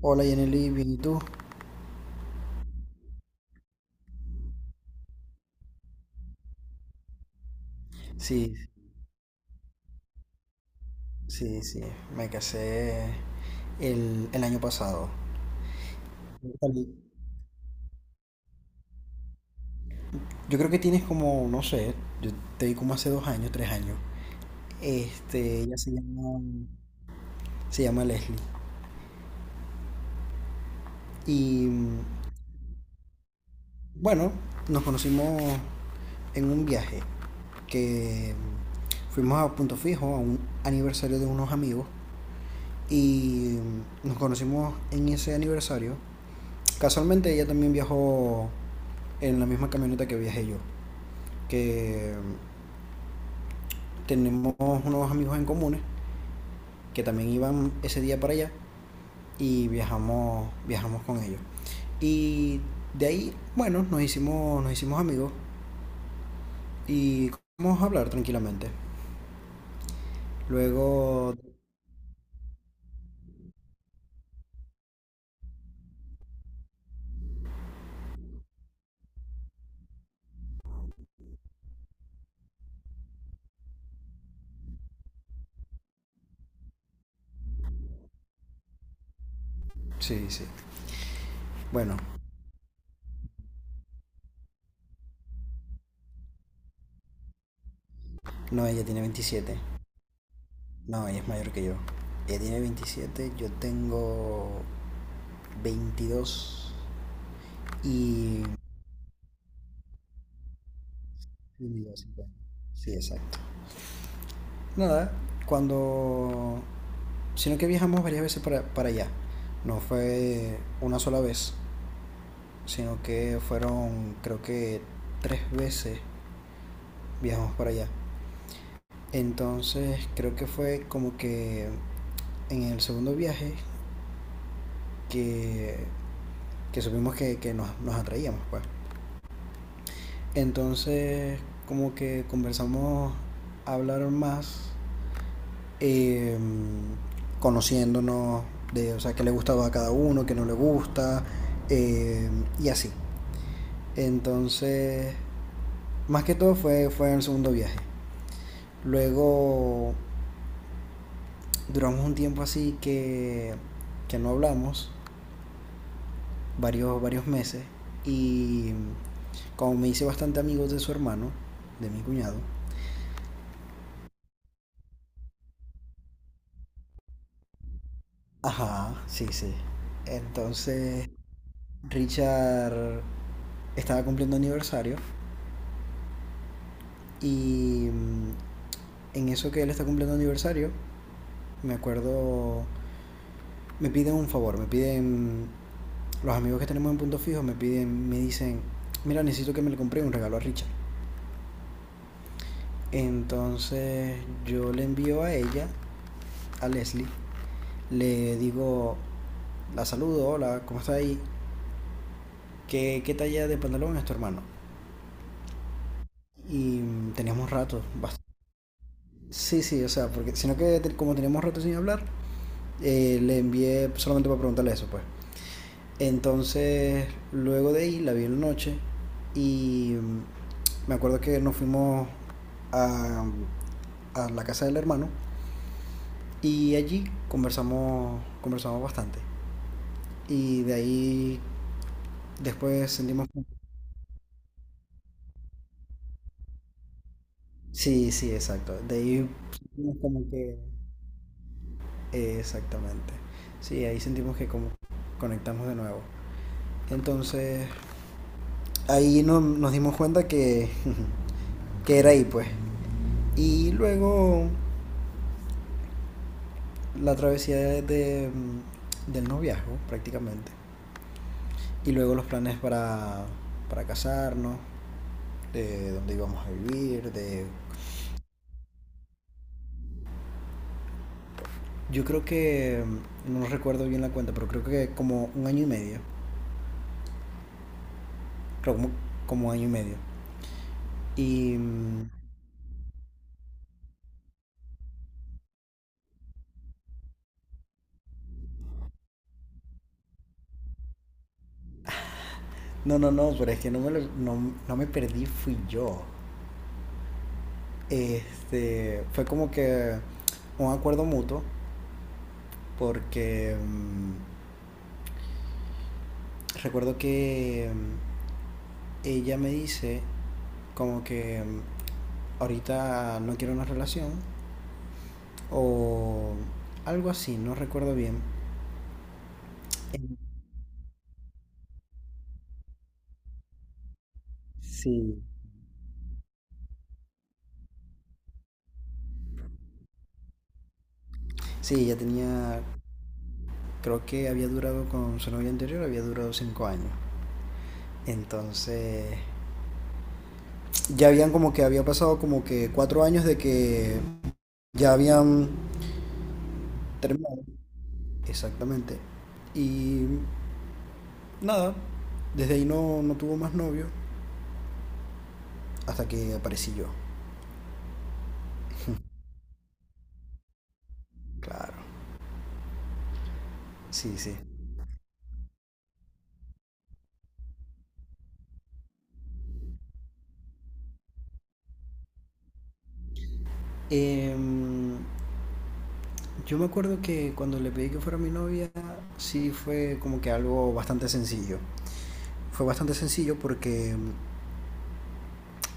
Hola Yaneli, bien, ¿y tú? Sí, sí, sí, me casé el año pasado. Salí. Yo creo que tienes como, no sé, yo te di como hace 2 años, 3 años. Este, se llama Leslie. Y bueno, nos conocimos en un viaje que fuimos a Punto Fijo, a un aniversario de unos amigos. Y nos conocimos en ese aniversario. Casualmente ella también viajó en la misma camioneta que viajé yo, que tenemos unos amigos en comunes que también iban ese día para allá y viajamos con ellos. Y de ahí, bueno, nos hicimos amigos y comenzamos a hablar tranquilamente. Luego, sí, sí. Bueno, no, ella tiene 27. No, ella es mayor que yo. Ella tiene veintisiete, yo tengo 22 y... y yo 50. Sí, exacto. Nada, cuando... Sino que viajamos varias veces para allá. No fue una sola vez, sino que fueron creo que 3 veces viajamos para allá. Entonces creo que fue como que en el segundo viaje que, que supimos que nos atraíamos. Pues. Entonces como que conversamos a hablar más eh, conociéndonos de, o sea, qué le gustaba a cada uno, qué no le gusta, eh, y así. Entonces, más que todo fue en el segundo viaje. Luego duramos un tiempo así que no hablamos, varios meses, y como me hice bastante amigo de su hermano, de mi cuñado, ajá, sí, sí. Entonces, Richard estaba cumpliendo aniversario. Y en eso que él está cumpliendo aniversario, me acuerdo, me piden un favor, me piden, los amigos que tenemos en Punto Fijo me piden, me dicen, mira, necesito que me le compre un regalo a Richard. Entonces yo le envío a ella, a Leslie, le digo, la saludo, hola, ¿cómo está ahí? ¿Qué, qué talla de pantalón es tu hermano? Y teníamos rato, bast- Sí, sí, o sea, porque sino que como teníamos rato sin hablar, le envié solamente para preguntarle eso, pues. Entonces, luego de ahí la vi en la noche y me acuerdo que nos fuimos a, a la casa del hermano y allí conversamos bastante. Y de ahí después sentimos... Sí, sí, exacto. De ahí sentimos como que... Exactamente. Sí, ahí sentimos que como conectamos de nuevo. Entonces, ahí nos dimos cuenta que, que era ahí, pues. Y luego la travesía del noviazgo prácticamente y luego los planes para casarnos, de dónde íbamos a vivir, de... Yo creo que, no recuerdo bien la cuenta, pero creo que como un año y medio, creo como, como año y medio. Y... No, pero es que no me, no, no me perdí, fui yo. Este, fue como que un acuerdo mutuo, porque recuerdo que ella me dice como que ahorita no quiero una relación o algo así, no recuerdo bien. En- Sí. Sí, ya tenía, creo que había durado con su novia anterior, había durado 5 años. Entonces, ya habían como que había pasado como que 4 años de que ya habían terminado. Exactamente. Y nada, desde ahí no, no tuvo más novio hasta que aparecí yo. Claro, sí, sí. Em, Yo me acuerdo que cuando le pedí que fuera mi novia, sí fue como que algo bastante sencillo. Fue bastante sencillo porque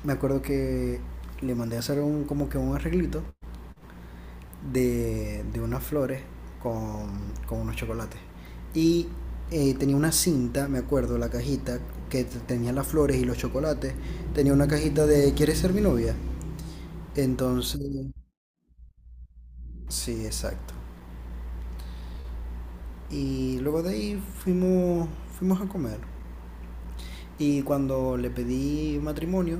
me acuerdo que le mandé a hacer un, como que un arreglito de unas flores con, con unos chocolates. Y tenía una cinta, me acuerdo, la cajita que tenía las flores y los chocolates. Tenía una cajita de ¿Quieres ser mi novia? Entonces, sí, exacto. Y luego de ahí fuimos a comer. Y cuando le pedí matrimonio,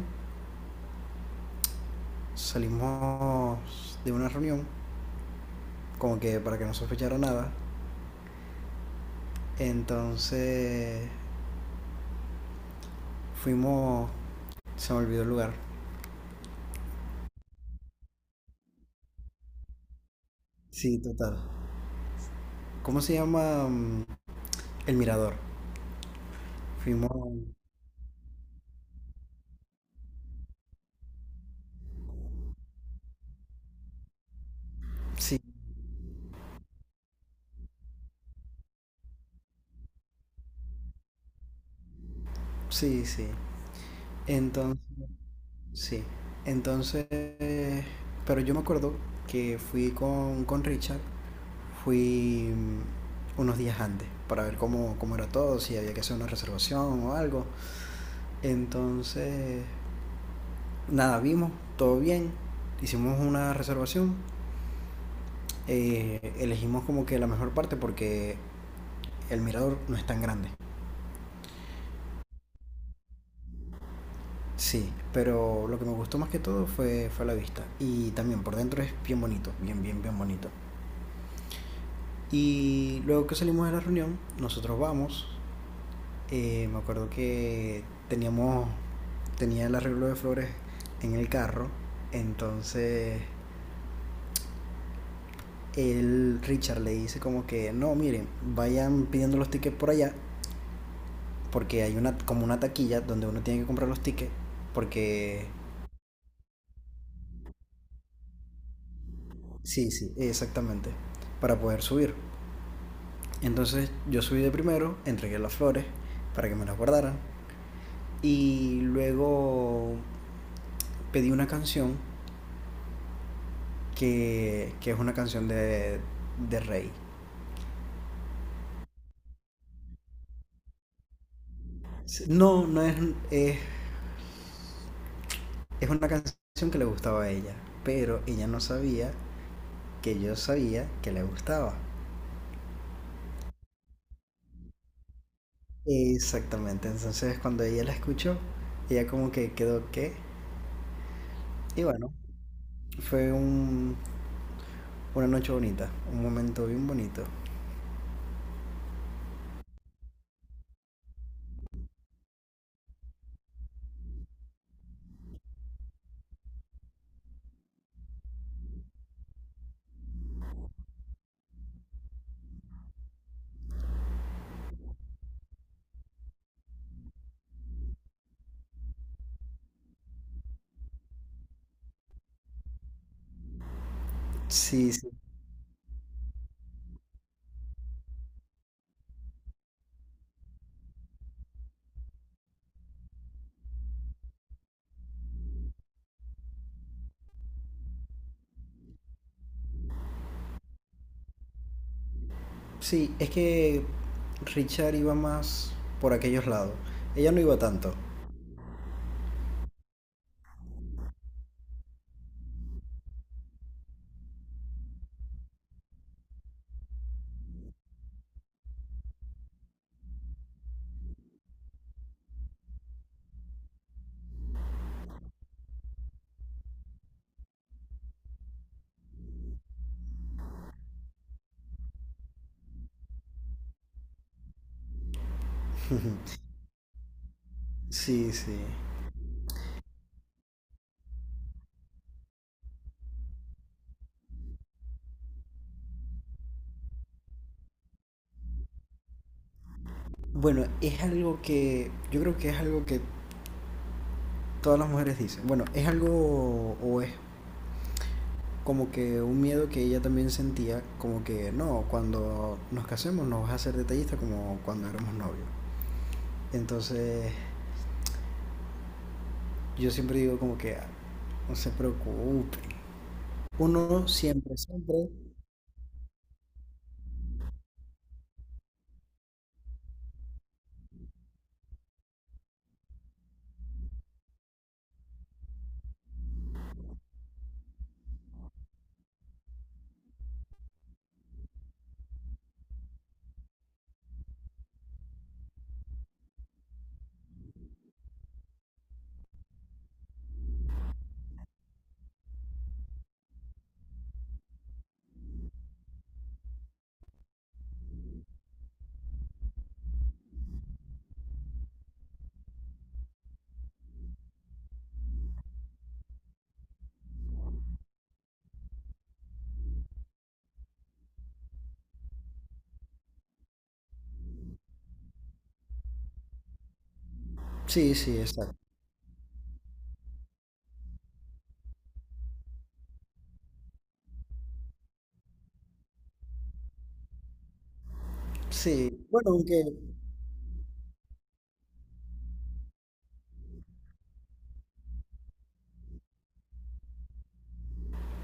salimos de una reunión, como que para que no sospechara nada. Entonces fuimos, se me olvidó el lugar. Sí, total. ¿Cómo se llama? El Mirador. Fuimos, sí, sí, sí. Entonces, sí. Entonces, pero yo me acuerdo que fui con Richard, fui unos días antes para ver cómo, cómo era todo, si había que hacer una reservación o algo. Entonces, nada, vimos, todo bien, hicimos una reservación, elegimos como que la mejor parte porque el mirador no es tan grande. Sí, pero lo que me gustó más que todo fue la vista. Y también por dentro es bien bonito, bien bonito. Y luego que salimos de la reunión, nosotros vamos. Me acuerdo que teníamos, tenía el arreglo de flores en el carro. Entonces el Richard le dice como que, no, miren, vayan pidiendo los tickets por allá, porque hay una como una taquilla donde uno tiene que comprar los tickets, porque... Sí, sí, exactamente, para poder subir. Entonces yo subí de primero, entregué las flores para que me las guardaran y luego pedí una canción que es una canción de Rey. No, no es, es, es una canción que le gustaba a ella, pero ella no sabía que yo sabía que le gustaba. Exactamente, entonces cuando ella la escuchó, ella como que quedó que... Y bueno, fue un, una noche bonita, un momento bien bonito. Sí, sí, sí, es que Richard iba más por aquellos lados, ella no iba tanto. Sí, sí. Bueno, es algo que yo creo que es algo que todas las mujeres dicen. Bueno, es algo o es como que un miedo que ella también sentía, como que no, cuando nos casemos no vas a ser detallista como cuando éramos novios. Entonces yo siempre digo como que "Ah, no se preocupe. Uno siempre, siempre. Sí, sí, exacto. Sí, bueno, aunque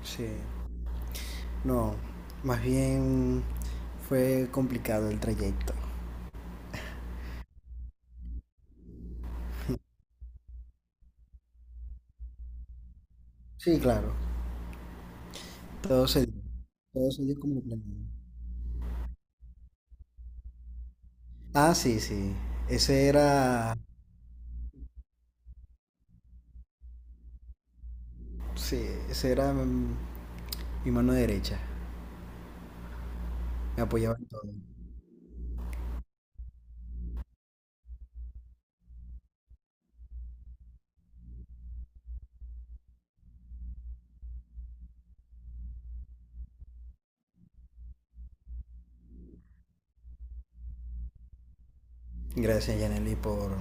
sí, no, más bien fue complicado el trayecto. Sí, claro, todo se dio, todo se dio como planeado. Ah, sí, ese era, sí, ese era mi mano derecha. Me apoyaba en todo. Gracias, Yaneli,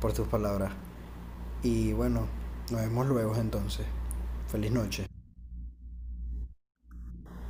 por tus palabras. Y bueno, nos vemos luego entonces. Feliz noche.